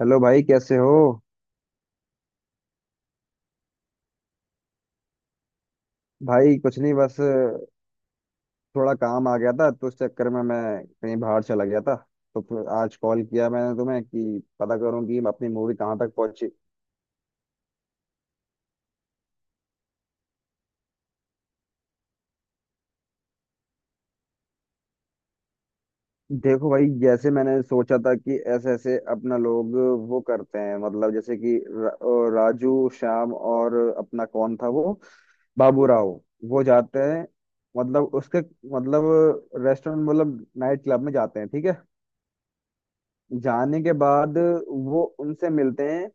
Hello भाई, कैसे हो। भाई कुछ नहीं, बस थोड़ा काम आ गया था तो उस चक्कर में मैं कहीं बाहर चला गया था। तो फिर आज कॉल किया मैंने तुम्हें कि पता करूं कि अपनी मूवी कहाँ तक पहुंची। देखो भाई, जैसे मैंने सोचा था कि ऐसे ऐसे अपना लोग वो करते हैं। मतलब जैसे कि राजू, श्याम और अपना कौन था वो, बाबूराव। वो जाते हैं, मतलब उसके, मतलब रेस्टोरेंट, मतलब नाइट क्लब में जाते हैं, ठीक है। जाने के बाद वो उनसे मिलते हैं,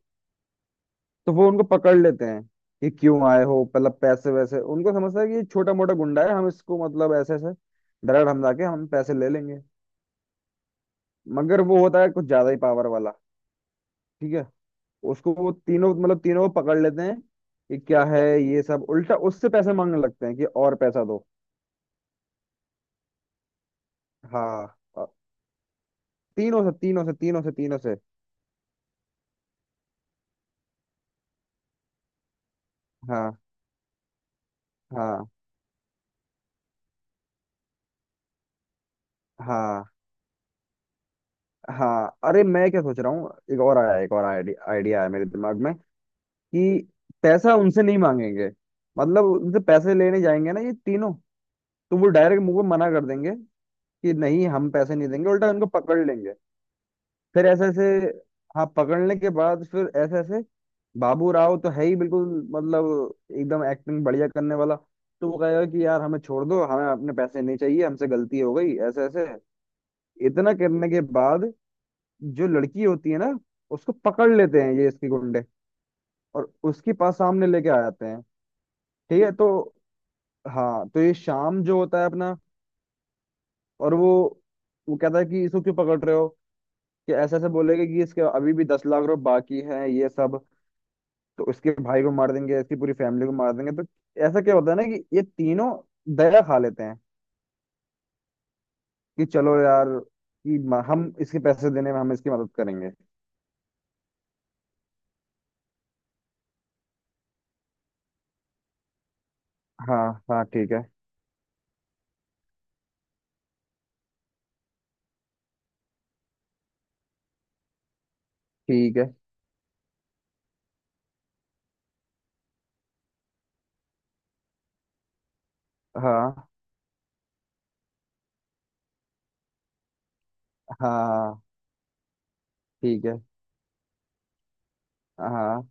तो वो उनको पकड़ लेते हैं कि क्यों आए हो। मतलब पैसे वैसे उनको समझता है कि ये छोटा मोटा गुंडा है, हम इसको, मतलब ऐसे ऐसे डायरेक्ट हम जाके हम पैसे ले लेंगे। मगर वो होता है कुछ ज्यादा ही पावर वाला, ठीक है। उसको वो तीनों, मतलब तीनों को पकड़ लेते हैं कि क्या है ये सब। उल्टा उससे पैसे मांगने लगते हैं कि और पैसा दो। हाँ, तीनों से तीनों से तीनों से तीनों से। हाँ, हाँ, हाँ, हाँ, अरे मैं क्या सोच रहा हूँ, एक और आया, एक और आइडिया आइडिया आया मेरे दिमाग में कि पैसा उनसे नहीं मांगेंगे। मतलब उनसे पैसे लेने जाएंगे ना ये तीनों, तो वो डायरेक्ट मुंह पे मना कर देंगे कि नहीं, हम पैसे नहीं देंगे। उल्टा उनको पकड़ लेंगे। फिर ऐसे ऐसे, हाँ, पकड़ने के बाद फिर ऐसे ऐसे। बाबू राव तो है ही बिल्कुल, मतलब एकदम एक्टिंग बढ़िया करने वाला। तो वो कहेगा कि यार हमें छोड़ दो, हमें अपने पैसे नहीं चाहिए, हमसे गलती हो गई, ऐसे ऐसे। इतना करने के बाद जो लड़की होती है ना, उसको पकड़ लेते हैं ये इसके गुंडे, और उसके पास सामने लेके आ जाते हैं, ठीक है तो। हाँ, तो ये शाम जो होता है अपना, और वो कहता है कि इसको क्यों पकड़ रहे हो। कि ऐसे ऐसे बोलेगा कि इसके अभी भी 10 लाख रुपए बाकी हैं ये सब, तो इसके भाई को मार देंगे, इसकी पूरी फैमिली को मार देंगे तो। ऐसा क्या होता है ना कि ये तीनों दया खा लेते हैं कि चलो यार कि हम इसके पैसे देने में हम इसकी मदद करेंगे। हाँ, हाँ, ठीक है, ठीक है। हाँ, हाँ, ठीक है। हाँ,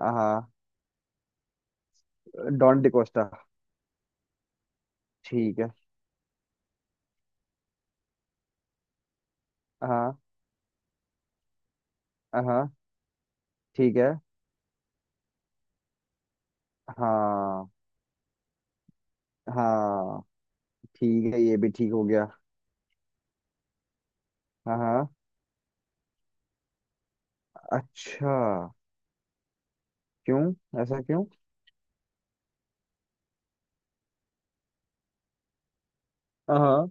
हाँ, डॉन डिकोस्टा। ठीक है। हाँ, हाँ, ठीक है। हाँ, हाँ, ठीक है, ये भी ठीक हो गया। हाँ, हाँ, अच्छा, क्यों, ऐसा क्यों। हाँ,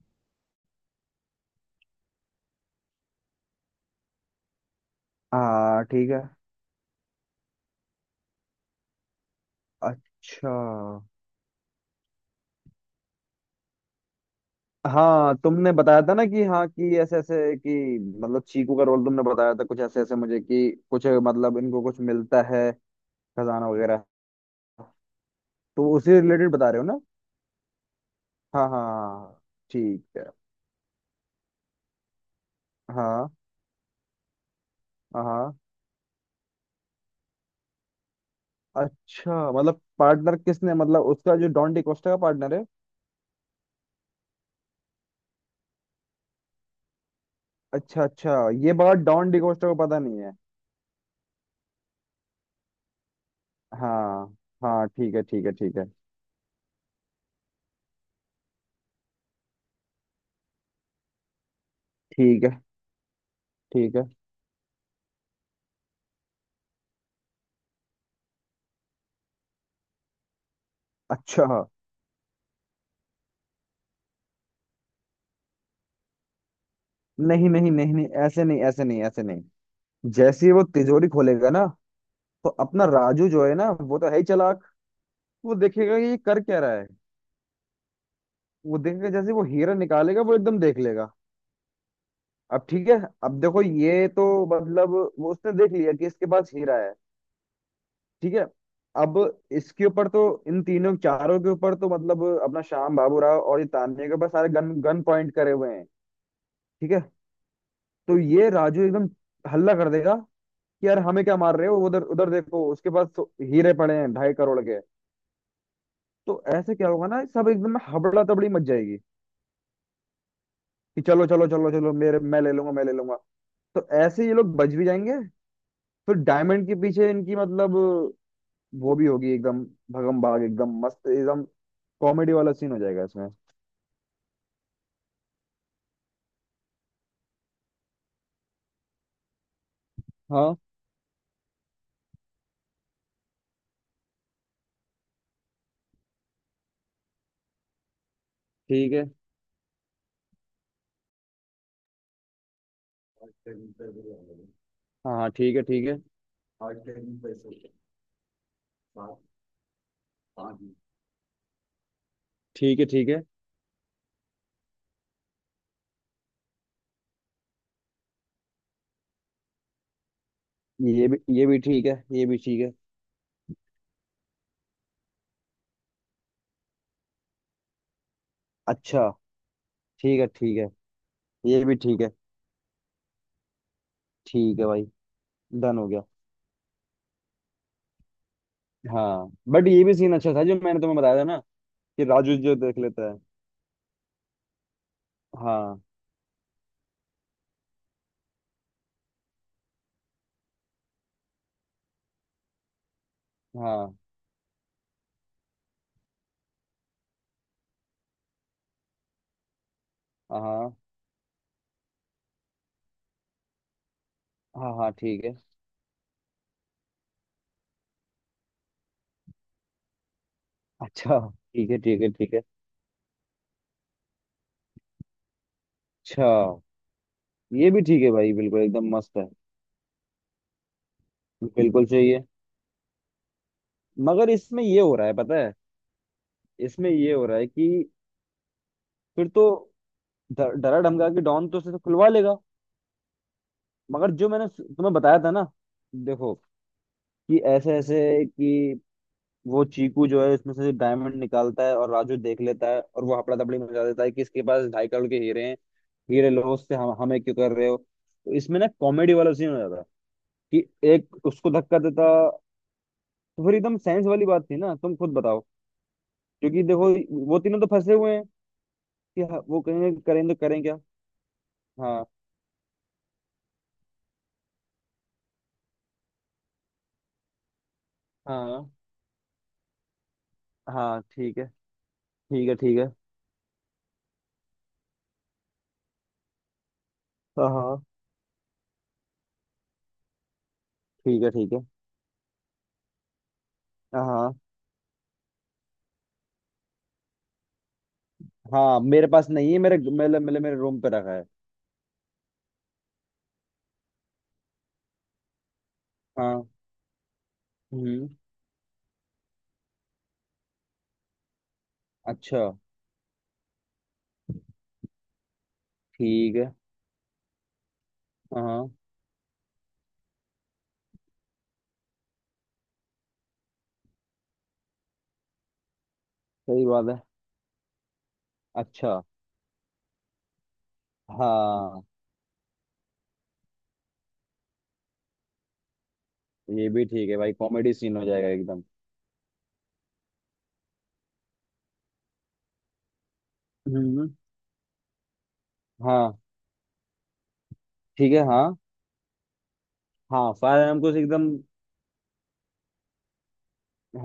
हाँ, ठीक है। अच्छा, हाँ, तुमने बताया था ना कि हाँ, कि ऐसे ऐसे कि, मतलब चीकू का रोल तुमने बताया था कुछ ऐसे ऐसे मुझे, कि कुछ मतलब इनको कुछ मिलता है, खजाना वगैरह। तो उसी रिलेटेड बता रहे हो ना। हाँ, हाँ, ठीक है। हाँ, हाँ, हाँ। अच्छा मतलब पार्टनर किसने, मतलब उसका जो डॉन डिकोस्टा का पार्टनर है। अच्छा, अच्छा, ये बात डॉन डिकोस्टा को पता नहीं है। हाँ, हाँ, ठीक है, ठीक है, ठीक है। ठीक है। ठीक है। अच्छा। नहीं, नहीं, नहीं, नहीं, ऐसे नहीं, ऐसे नहीं, ऐसे नहीं। जैसे ही वो तिजोरी खोलेगा ना, तो अपना राजू जो है ना, वो तो है ही चालाक। वो देखेगा कि ये कर क्या रहा है। वो देखेगा, जैसे ही वो हीरा निकालेगा वो एकदम देख लेगा। अब ठीक है। अब देखो ये तो मतलब, वो उसने देख लिया कि इसके पास हीरा है, ठीक है। अब इसके ऊपर तो, इन तीनों चारों के ऊपर तो, मतलब अपना श्याम, बाबू राव और ये तान्या के ऊपर सारे गन गन पॉइंट करे हुए हैं, ठीक है। तो ये राजू एकदम हल्ला कर देगा कि यार हमें क्या मार रहे हो, उधर उधर देखो उसके पास तो हीरे पड़े हैं 2.5 करोड़ के। तो ऐसे क्या होगा ना, सब एकदम हबड़ा तबड़ी मच जाएगी कि चलो चलो चलो चलो मेरे, मैं ले लूंगा, मैं ले लूंगा। तो ऐसे ये लोग बच भी जाएंगे। फिर डायमंड के पीछे इनकी, मतलब वो भी होगी एकदम भगम भाग, एकदम मस्त, एकदम कॉमेडी वाला सीन हो जाएगा इसमें। हाँ, ठीक है। हाँ, हाँ, ठीक है, ठीक है, ठीक है, ठीक है। ये भी ठीक है। ये भी ठीक है। अच्छा, ठीक है, ठीक है। ये भी ठीक है। ठीक है भाई, डन हो गया। हाँ, बट ये भी सीन अच्छा था जो मैंने तुम्हें बताया था ना, कि राजू जो देख लेता है। हाँ, हाँ, हाँ, हाँ, हाँ, ठीक है। अच्छा, ठीक है, ठीक है, ठीक है। अच्छा, ये भी ठीक है भाई, बिल्कुल एकदम मस्त है। बिल्कुल चाहिए। मगर इसमें ये हो रहा है पता है, इसमें ये हो रहा है कि फिर तो डरा धमका के डॉन तो उसे तो खुलवा लेगा। मगर जो मैंने तुम्हें बताया था ना, देखो कि ऐसे ऐसे कि, वो चीकू जो है उसमें से डायमंड निकालता है और राजू देख लेता है और वो हपड़ा तपड़ी मचा देता है कि इसके पास 2.5 करोड़ के हीरे हैं। हीरे लॉस से हम हमें क्यों कर रहे हो, तो इसमें ना कॉमेडी वाला सीन हो जाता कि एक उसको धक्का देता। तो फिर एकदम साइंस वाली बात थी ना, तुम खुद बताओ। क्योंकि देखो, वो तीनों तो फंसे हुए हैं कि हाँ, वो कहेंगे करें तो करें क्या। हाँ, हाँ, हाँ, ठीक है, ठीक है, ठीक है। हाँ, हाँ, ठीक है, ठीक है। हाँ, हाँ, मेरे पास नहीं है, मेरे रूम पे रखा है। हाँ, हम्म, अच्छा, ठीक है। हाँ, सही बात है। अच्छा, हाँ, ये भी ठीक है भाई, कॉमेडी सीन हो जाएगा एकदम। हम्म, हाँ, ठीक है। हाँ, हाँ, फायर आर्म कुछ एकदम।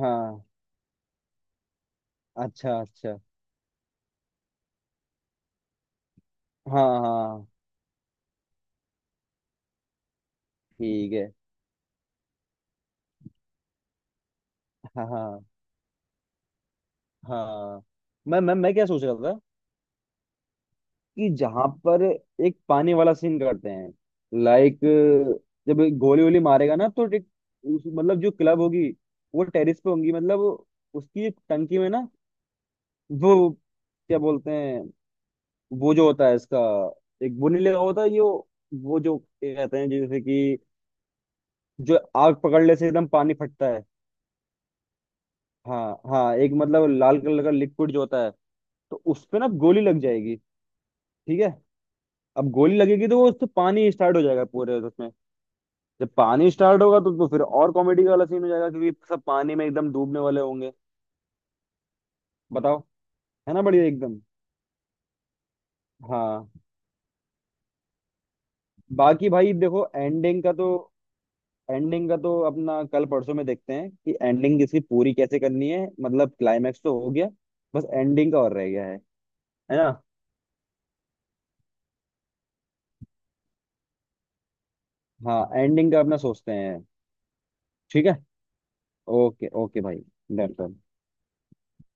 हाँ, अच्छा, अच्छा, हाँ, हाँ, ठीक है। हाँ, हाँ, हाँ, मैं क्या सोच रहा था कि जहां पर एक पानी वाला सीन करते हैं, लाइक, जब गोली वोली मारेगा ना, तो एक- उस- मतलब जो क्लब होगी वो टेरिस पे होंगी, मतलब उसकी एक टंकी में ना, वो क्या बोलते हैं, वो जो होता है इसका, एक वो नीले का होता है जो, वो जो क्या कहते हैं, जैसे कि जो आग पकड़ने से एकदम पानी फटता है। हाँ, हाँ, एक मतलब लाल कलर का लिक्विड जो होता है, तो उस पे ना गोली लग जाएगी, ठीक है। अब गोली लगेगी तो वो उससे पानी स्टार्ट हो जाएगा पूरे उसमें। जब पानी स्टार्ट होगा तो, फिर और कॉमेडी वाला सीन हो जाएगा क्योंकि सब पानी में एकदम डूबने वाले होंगे। बताओ, है ना बढ़िया एकदम। हाँ, बाकी भाई देखो एंडिंग का तो, एंडिंग का तो अपना कल परसों में देखते हैं कि एंडिंग इसकी पूरी कैसे करनी है, मतलब क्लाइमैक्स तो हो गया, बस एंडिंग का और रह गया है। है ना, हाँ, एंडिंग का अपना सोचते हैं। ठीक है। ओके, ओके भाई, डन डन।